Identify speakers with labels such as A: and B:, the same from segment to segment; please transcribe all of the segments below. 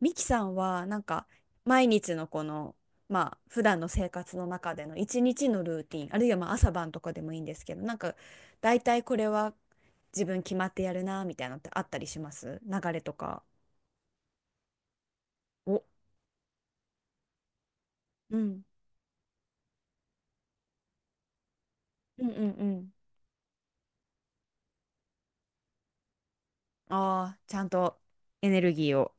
A: ミキさんは毎日のこの普段の生活の中での一日のルーティン、あるいは朝晩とかでもいいんですけど、大体これは自分決まってやるなみたいなのってあったりします？流れとか。お、うんうんうんうん。ああー、ちゃんとエネルギーを。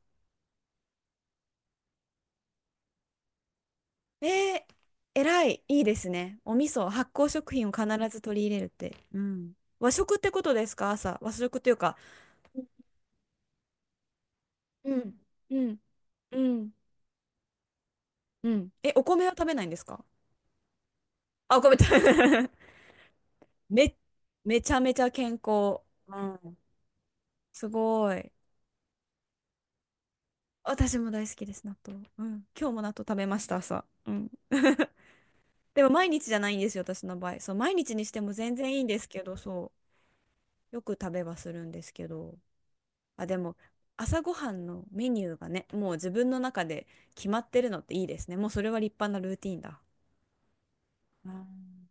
A: えー、偉いいいですね。お味噌、発酵食品を必ず取り入れるって、うん。和食ってことですか？朝和食っていうか、うんうんうんうん。え、お米は食べないんですか？あ、お米食べ め、めちゃめちゃ健康。うん。すごい。私も大好きです、納豆。うん。今日も納豆食べました、朝。うん。でも毎日じゃないんですよ、私の場合。そう、毎日にしても全然いいんですけど、そう。よく食べはするんですけど。あ、でも、朝ごはんのメニューがね、もう自分の中で決まってるのっていいですね。もうそれは立派なルーティンだ。うん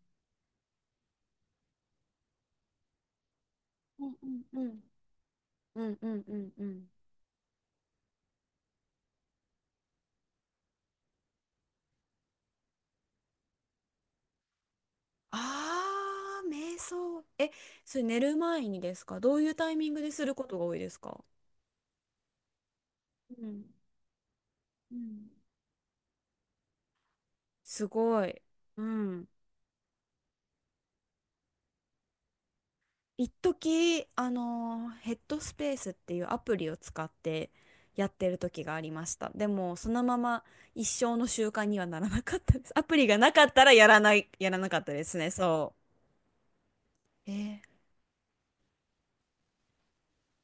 A: うんうんうんうんうんうんうん。ああ、瞑想。え、それ寝る前にですか？どういうタイミングですることが多いですか？うん。うん。すごい。うん。一時、ヘッドスペースっていうアプリを使ってやってる時がありました。でも、そのまま一生の習慣にはならなかったです。アプリがなかったらやらなかったですね。そう。えー、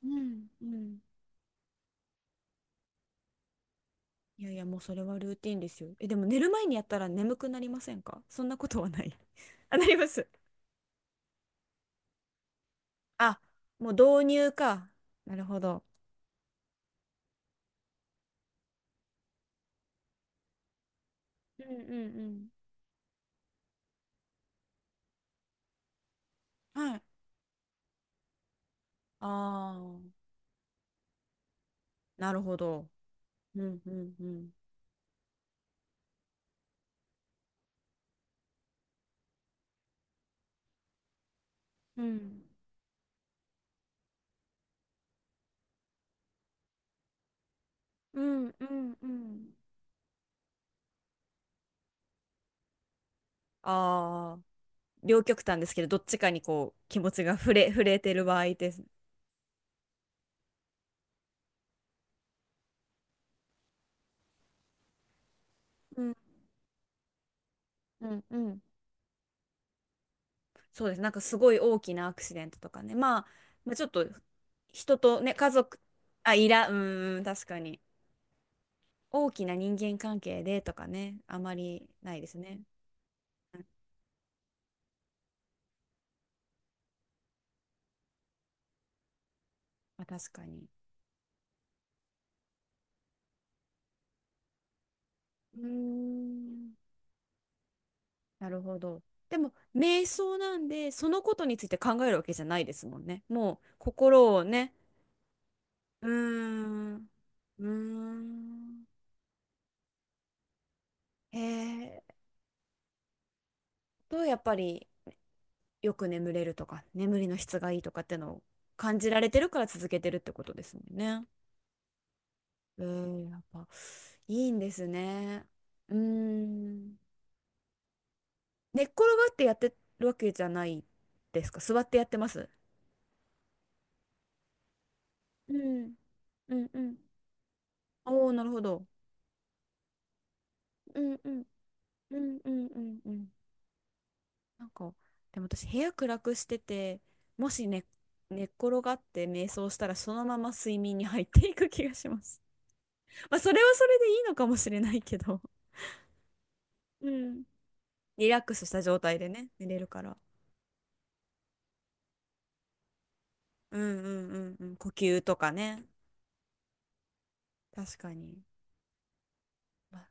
A: うん。うん。いやいや、もうそれはルーティンですよ。え、でも寝る前にやったら眠くなりませんか？ そんなことはない？ あ、なります。あ、もう導入か。なるほど。うんうんうん。はい。ああ、なるほど。うんうんうん。うんうんうんうん。ああ、両極端ですけど、どっちかにこう、気持ちが触れてる場合です。うんうんうん。そうです。なんかすごい大きなアクシデントとかね。まあ、ちょっと人とね、家族、あ、いら、うーん、確かに。大きな人間関係でとかね、あまりないですね。まあ、確かに。うーん、なるほど。でも、瞑想なんで、そのことについて考えるわけじゃないですもんね。もう、心をね、うーん、うーん、へえ。と、やっぱり、よく眠れるとか眠りの質がいいとかってのを感じられてるから続けてるってことですもんね。えー、やっぱいいんですね。うーん。寝っ転がってやってるわけじゃないですか？座ってやってます。うん。うんうん。おお、なるほど。うんうんうんうんうんうん。なんか、でも私部屋暗くしてて、もし寝、寝っ転がって瞑想したらそのまま睡眠に入っていく気がします。まあ、それはそれでいいのかもしれないけど。うん。リラックスした状態でね、寝れるから。うんうんうんうん。呼吸とかね。確かに。まあ、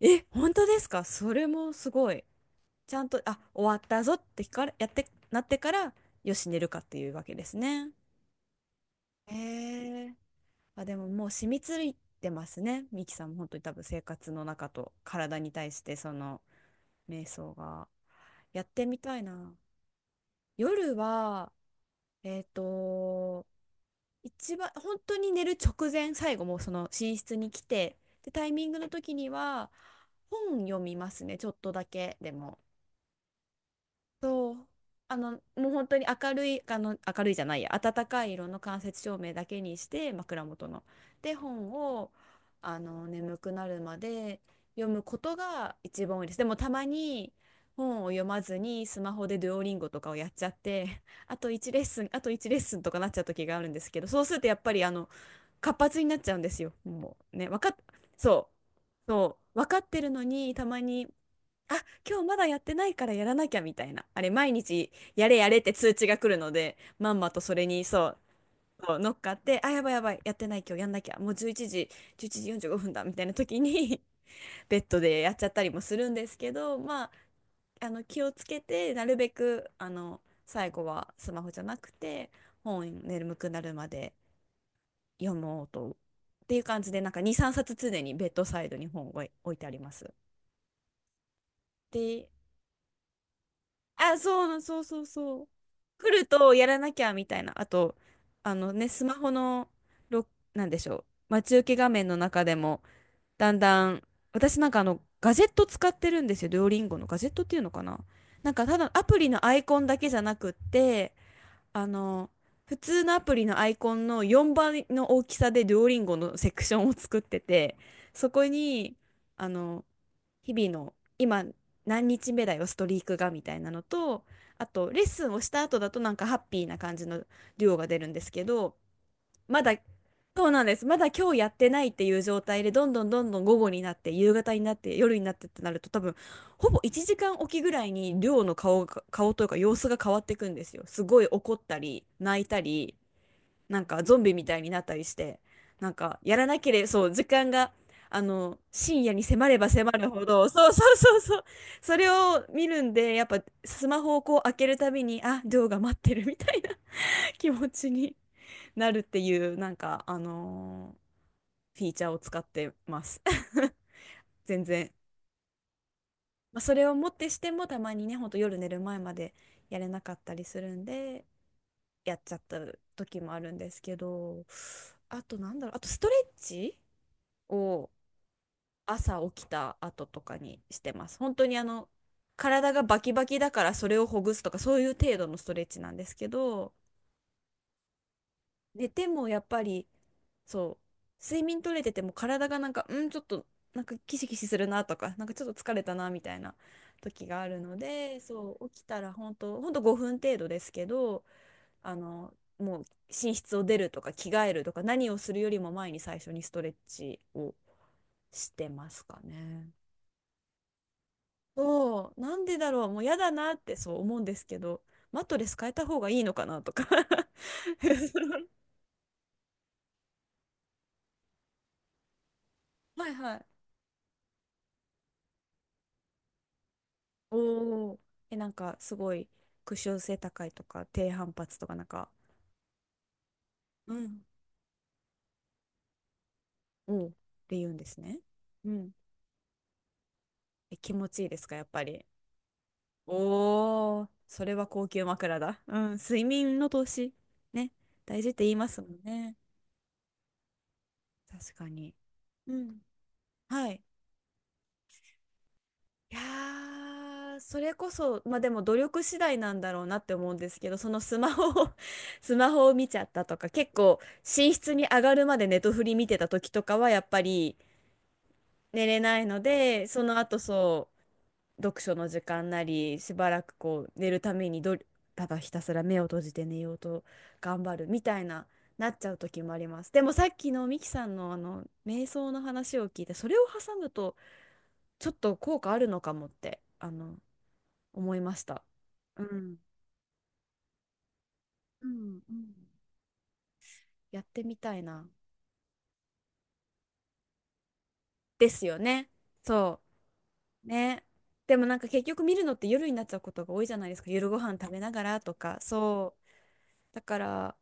A: え、本当ですか？それもすごい。ちゃんと、あ、終わったぞってから、やって、なってから、よし、寝るかっていうわけですね。へえ。あ、でももう染みついてますね、ミキさんも。本当に多分生活の中と体に対してその瞑想が。やってみたいな。夜は、えっと、一番本当に寝る直前、最後もうその寝室に来てでタイミングの時には本読みますね、ちょっとだけでも。そう、あのもう本当に明るいあの明るいじゃないや暖かい色の間接照明だけにして、枕元ので本を眠くなるまで読むことが一番多いです。でもたまに本を読まずにスマホでデュオリンゴとかをやっちゃって、あと1レッスン、あと1レッスンとかなっちゃう時があるんですけど、そうするとやっぱり活発になっちゃうんですよ。もうね、わかっ、そう、そう、分かってるのに、たまに、あ、今日まだやってないからやらなきゃみたいな。あれ、毎日やれやれって通知が来るので、まんまとそれに、そう、そう乗っかって、あ、やばいやばい、やってない、今日やんなきゃ、もう11時、11時45分だみたいな時に ベッドでやっちゃったりもするんですけど、まあ、気をつけて、なるべく、最後はスマホじゃなくて、本、眠くなるまで読もうと。っていう感じで、なんか2、3冊常にベッドサイドに本を置いてあります。で、あ、そうそうそうそう。来るとやらなきゃみたいな。あと、あのね、スマホの、ろ、なんでしょう、待ち受け画面の中でも、だんだん、私なんかガジェット使ってるんですよ。デュオリンゴのガジェットっていうのかな。なんかただアプリのアイコンだけじゃなくって、あの、普通のアプリのアイコンの4倍の大きさでデュオリンゴのセクションを作ってて、そこに、あの、日々の今何日目だよ、ストリークがみたいなのと、あとレッスンをした後だとなんかハッピーな感じのデュオが出るんですけど、まだ、そうなんです。まだ今日やってないっていう状態で、どんどんどんどん午後になって、夕方になって、夜になってってなると、多分、ほぼ1時間おきぐらいに、亮の顔が、顔というか様子が変わっていくんですよ。すごい怒ったり、泣いたり、なんかゾンビみたいになったりして、なんか、やらなければ、そう、時間が、深夜に迫れば迫るほど、そうそうそうそう、それを見るんで、やっぱ、スマホをこう開けるたびに、あ、亮が待ってるみたいな気持ちに。なるっていう、なんか、フィーチャーを使ってます。全然。まあ、それをもってしても、たまにね、ほんと夜寝る前までやれなかったりするんで、やっちゃった時もあるんですけど、あとなんだろう、あとストレッチを朝起きた後とかにしてます。本当に体がバキバキだからそれをほぐすとか、そういう程度のストレッチなんですけど、寝てもやっぱりそう、睡眠取れてても体がなんか、うん、ちょっと、なんかキシキシするなとか、なんかちょっと疲れたなみたいな時があるので、そう、起きたら本当、本当5分程度ですけど、もう寝室を出るとか着替えるとか何をするよりも前に最初にストレッチをしてますかね。そう、なんでだろう、もう嫌だなってそう思うんですけど、マットレス変えた方がいいのかなとか はいはい。おお。え、なんかすごい屈折性高いとか低反発とかなんか、うん。おう。って言うんですね。うん。え、気持ちいいですか、やっぱり。おお。それは高級枕だ。うん、睡眠の投資。ね、大事って言いますもんね。確かに。うん。はい。いやーそれこそ、まあでも努力次第なんだろうなって思うんですけど、そのスマホを スマホを見ちゃったとか、結構寝室に上がるまでネトフリ見てた時とかはやっぱり寝れないので、その後そう、読書の時間なり、しばらくこう寝るために、ど、ただひたすら目を閉じて寝ようと頑張るみたいな、なっちゃう時もあります。でもさっきのミキさんの瞑想の話を聞いて、それを挟むとちょっと効果あるのかもって、思いました。うん、うんうん、やってみたいな。ですよね。そう。ね。でもなんか結局見るのって夜になっちゃうことが多いじゃないですか。夜ご飯食べながらとか。そう。だから、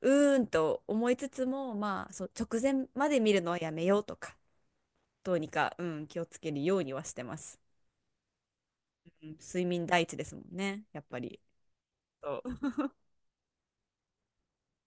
A: うーんと思いつつも、まあ、そう、直前まで見るのはやめようとか、どうにか、うん、気をつけるようにはしてます。うん、睡眠第一ですもんね、やっぱり。